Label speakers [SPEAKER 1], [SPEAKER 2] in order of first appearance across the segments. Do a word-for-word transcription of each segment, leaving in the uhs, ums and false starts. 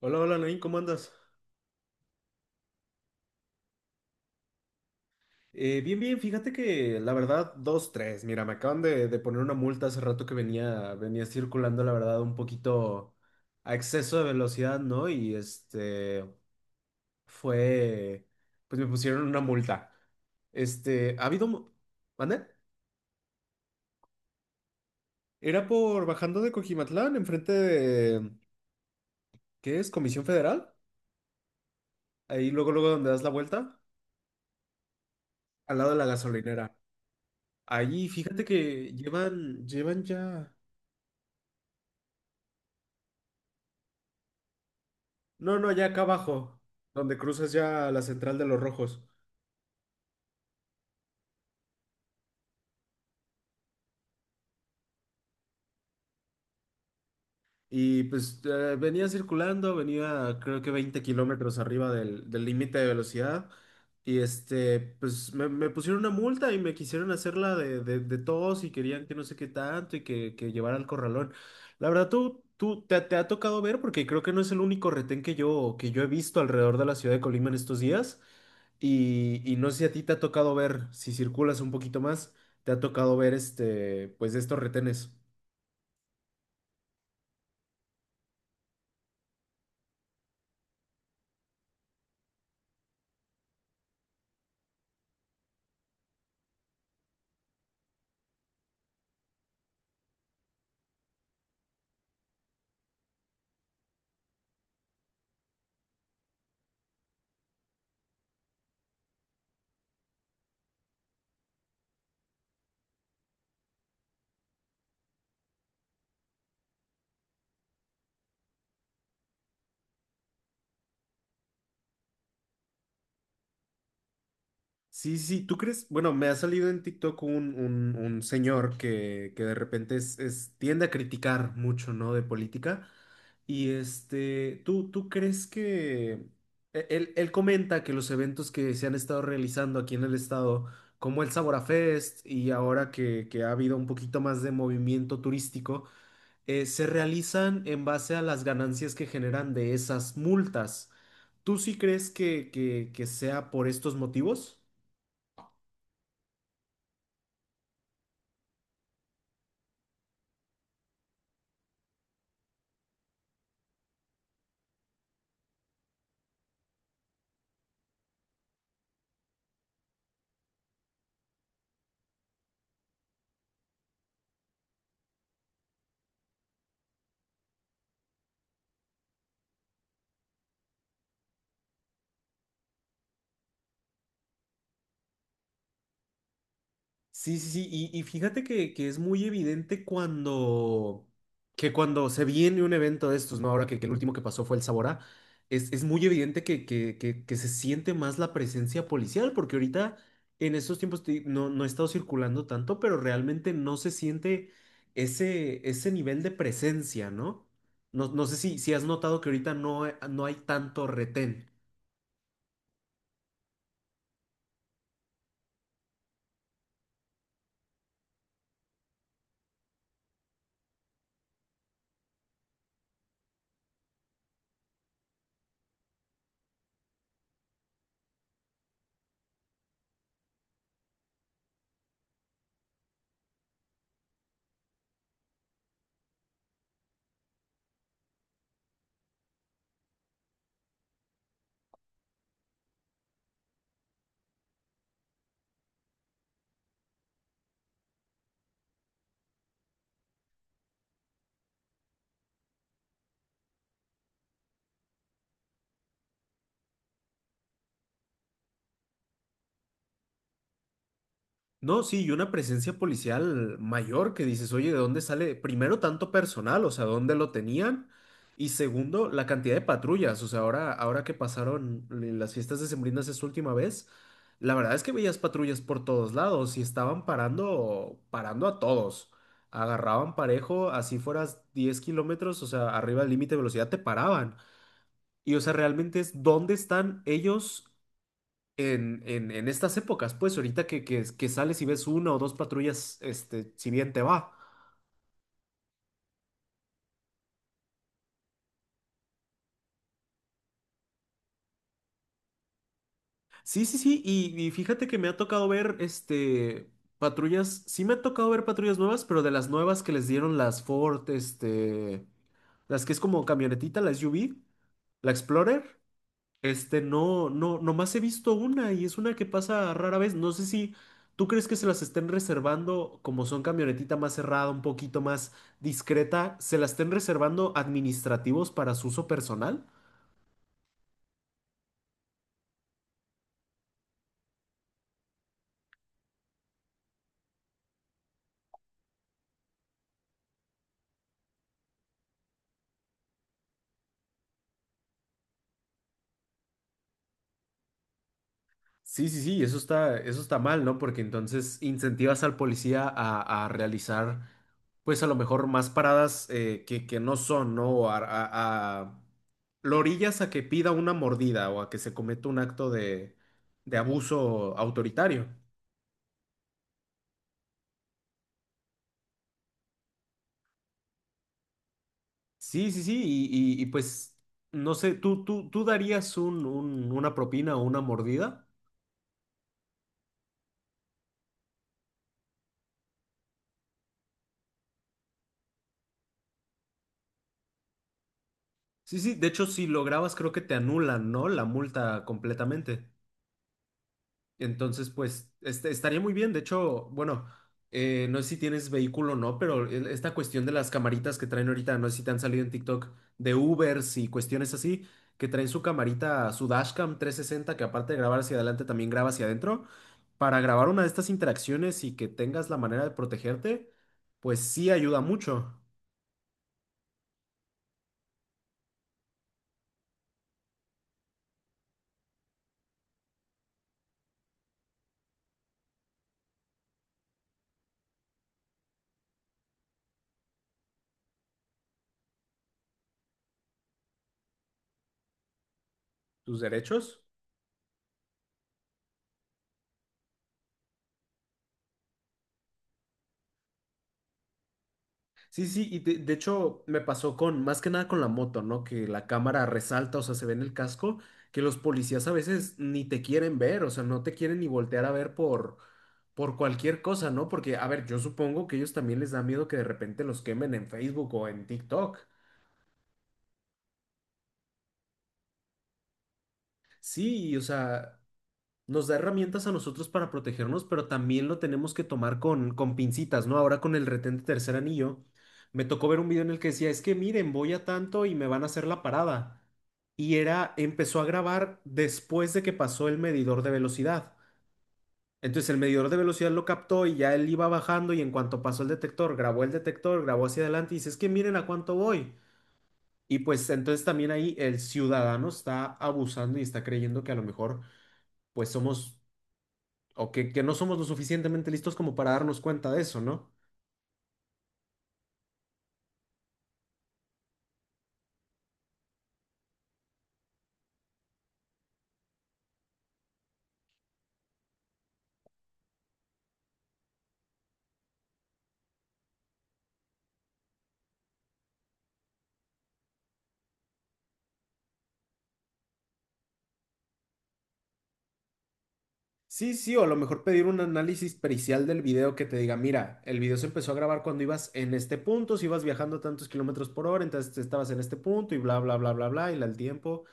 [SPEAKER 1] Hola, hola, Nain, ¿cómo andas? Eh, bien, bien, fíjate que la verdad, dos, tres. Mira, me acaban de, de poner una multa hace rato que venía, venía circulando, la verdad, un poquito a exceso de velocidad, ¿no? Y este, fue, pues me pusieron una multa. Este, ha habido, mu- ¿mande? Era por bajando de Cojimatlán, enfrente de, ¿qué es? Comisión Federal. Ahí luego, luego donde das la vuelta, al lado de la gasolinera. Ahí, fíjate que llevan, llevan ya. No, no, ya acá abajo, donde cruzas ya la central de los rojos. Y pues eh, venía circulando, venía creo que veinte kilómetros arriba del del límite de velocidad. Y este, pues me, me pusieron una multa y me quisieron hacerla de, de, de tos y querían que no sé qué tanto y que, que llevara al corralón. La verdad, tú, tú te, te ha tocado ver, porque creo que no es el único retén que yo, que yo he visto alrededor de la ciudad de Colima en estos días. Y, y no sé si a ti te ha tocado ver, si circulas un poquito más, te ha tocado ver este, pues estos retenes. Sí, sí, sí, ¿tú crees? Bueno, me ha salido en TikTok un, un, un señor que, que de repente es, es- tiende a criticar mucho, ¿no? De política. Y este, ¿tú, tú crees que e- él, él comenta que los eventos que se han estado realizando aquí en el estado, como el Sabora Fest y ahora que, que ha habido un poquito más de movimiento turístico, eh, ¿se realizan en base a las ganancias que generan de esas multas? ¿Tú sí crees que, que que sea por estos motivos? Sí, sí, sí, y, y fíjate que, que es muy evidente cuando, que cuando se viene un evento de estos, ¿no? Ahora que, que el último que pasó fue el Saborá, es, es muy evidente que, que, que, que se siente más la presencia policial, porque ahorita en estos tiempos te- no, no he estado circulando tanto, pero realmente no se siente ese, ese nivel de presencia, ¿no? No, no sé si, si has notado que ahorita no, no hay tanto retén. No, sí, y una presencia policial mayor que dices, oye, ¿de dónde sale? Primero, tanto personal, o sea, ¿dónde lo tenían? Y segundo, la cantidad de patrullas, o sea, ahora, ahora que pasaron l- las fiestas decembrinas esa última vez, la verdad es que veías patrullas por todos lados y estaban parando, parando a todos. Agarraban parejo, así fueras diez kilómetros, o sea, arriba del límite de velocidad te paraban. Y o sea, realmente es dónde están ellos en, en, en estas épocas, pues ahorita que, que, que sales y ves una o dos patrullas, este, si bien te va. Sí, sí, sí, y, y fíjate que me ha tocado ver, este, patrullas, sí me ha tocado ver patrullas nuevas, pero de las nuevas que les dieron las Ford, este, las que es como camionetita, la S U V, la Explorer. Este, no, no, nomás he visto una y es una que pasa rara vez. No sé si tú crees que se las estén reservando, como son camionetita más cerrada, un poquito más discreta, se las estén reservando administrativos para su uso personal. Sí, sí, sí, eso está, eso está mal, ¿no? Porque entonces incentivas al policía a, a realizar, pues a lo mejor más paradas eh, que, que no son, ¿no? O A, a- a- Lo orillas a que pida una mordida o a que se cometa un acto de, de abuso autoritario. Sí, sí, sí, y, y- y, pues, no sé, ¿tú, tú, tú darías un, un- una propina o una mordida? Sí, sí, de hecho, si lo grabas creo que te anulan, ¿no? La multa completamente. Entonces, pues este, estaría muy bien. De hecho, bueno, eh, no sé si tienes vehículo o no, pero el- esta cuestión de las camaritas que traen ahorita, no sé si te han salido en TikTok de Ubers y cuestiones así, que traen su camarita, su dashcam trescientos sesenta que aparte de grabar hacia adelante, también graba hacia adentro. Para grabar una de estas interacciones y que tengas la manera de protegerte, pues sí ayuda mucho. ¿Tus derechos? Sí, sí, y de, de hecho me pasó con, más que nada con la moto, ¿no? Que la cámara resalta, o sea, se ve en el casco, que los policías a veces ni te quieren ver, o sea, no te quieren ni voltear a ver por, por cualquier cosa, ¿no? Porque, a ver, yo supongo que ellos también les da miedo que de repente los quemen en Facebook o en TikTok. Sí, y, o sea, nos da herramientas a nosotros para protegernos, pero también lo tenemos que tomar con, con pincitas, ¿no? Ahora con el retén de tercer anillo, me tocó ver un video en el que decía, es que miren, voy a tanto y me van a hacer la parada. Y era, empezó a grabar después de que pasó el medidor de velocidad. Entonces el medidor de velocidad lo captó y ya él iba bajando y en cuanto pasó el detector, grabó el detector, grabó hacia adelante y dice, es que miren a cuánto voy. Y pues entonces también ahí el ciudadano está abusando y está creyendo que a lo mejor pues somos o que, que no somos lo suficientemente listos como para darnos cuenta de eso, ¿no? Sí, sí, o a lo mejor pedir un análisis pericial del video que te diga, mira, el video se empezó a grabar cuando ibas en este punto, si ibas viajando tantos kilómetros por hora, entonces estabas en este punto y bla, bla, bla, bla, bla, y la- el tiempo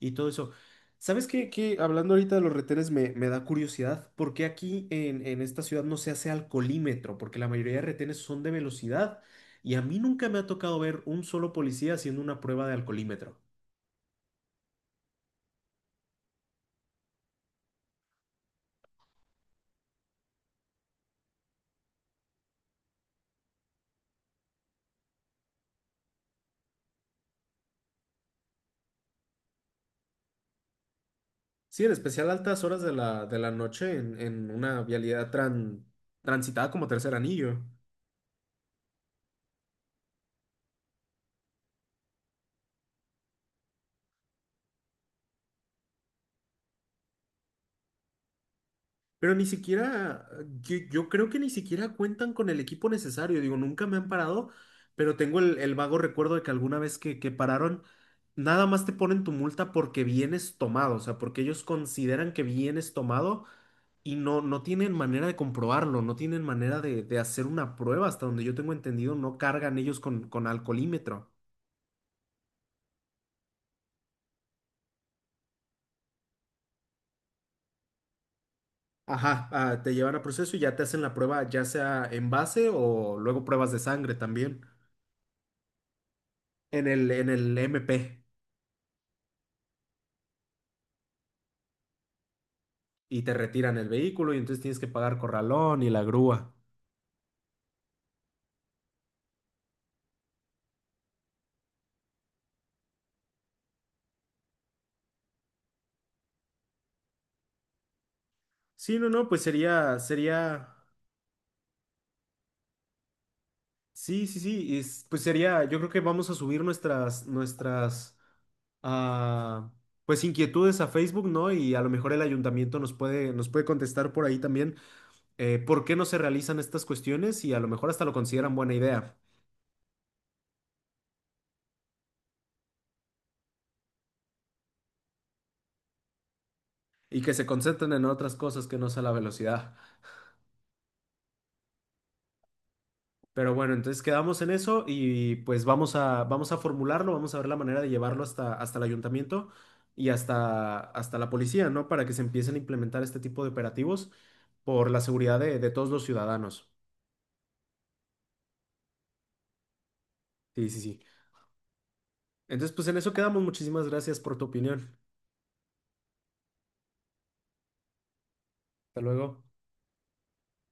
[SPEAKER 1] y todo eso. ¿Sabes qué? ¿Qué? Hablando ahorita de los retenes, me, me da curiosidad, ¿por qué aquí en, en esta ciudad no se hace alcoholímetro? Porque la mayoría de retenes son de velocidad y a mí nunca me ha tocado ver un solo policía haciendo una prueba de alcoholímetro. Sí, en especial altas horas de la, de la noche en, en una vialidad tran- transitada como tercer anillo. Pero ni siquiera, yo, yo creo que ni siquiera cuentan con el equipo necesario. Digo, nunca me han parado, pero tengo el, el vago recuerdo de que alguna vez que, que pararon, nada más te ponen tu multa porque vienes tomado, o sea, porque ellos consideran que vienes tomado y no, no tienen manera de comprobarlo, no tienen manera de, de hacer una prueba. Hasta donde yo tengo entendido, no cargan ellos con, con alcoholímetro. Ajá, ah, te llevan a proceso y ya te hacen la prueba, ya sea en base o luego pruebas de sangre también en el, en el M P y te retiran el vehículo y entonces tienes que pagar corralón y la grúa. Sí, no, no, pues sería, sería, sí, sí, sí, y es- pues sería, yo creo que vamos a subir nuestras, nuestras, ah, pues inquietudes a Facebook, ¿no? Y a lo mejor el ayuntamiento nos puede, nos puede contestar por ahí también eh, por qué no se realizan estas cuestiones y a lo mejor hasta lo consideran buena idea. Y que se concentren en otras cosas que no sea la velocidad. Pero bueno, entonces quedamos en eso y pues vamos a, vamos a formularlo, vamos a ver la manera de llevarlo hasta, hasta el ayuntamiento y hasta, hasta la policía, ¿no? Para que se empiecen a implementar este tipo de operativos por la seguridad de, de todos los ciudadanos. Sí, sí, sí. Entonces, pues en eso quedamos. Muchísimas gracias por tu opinión. Hasta luego.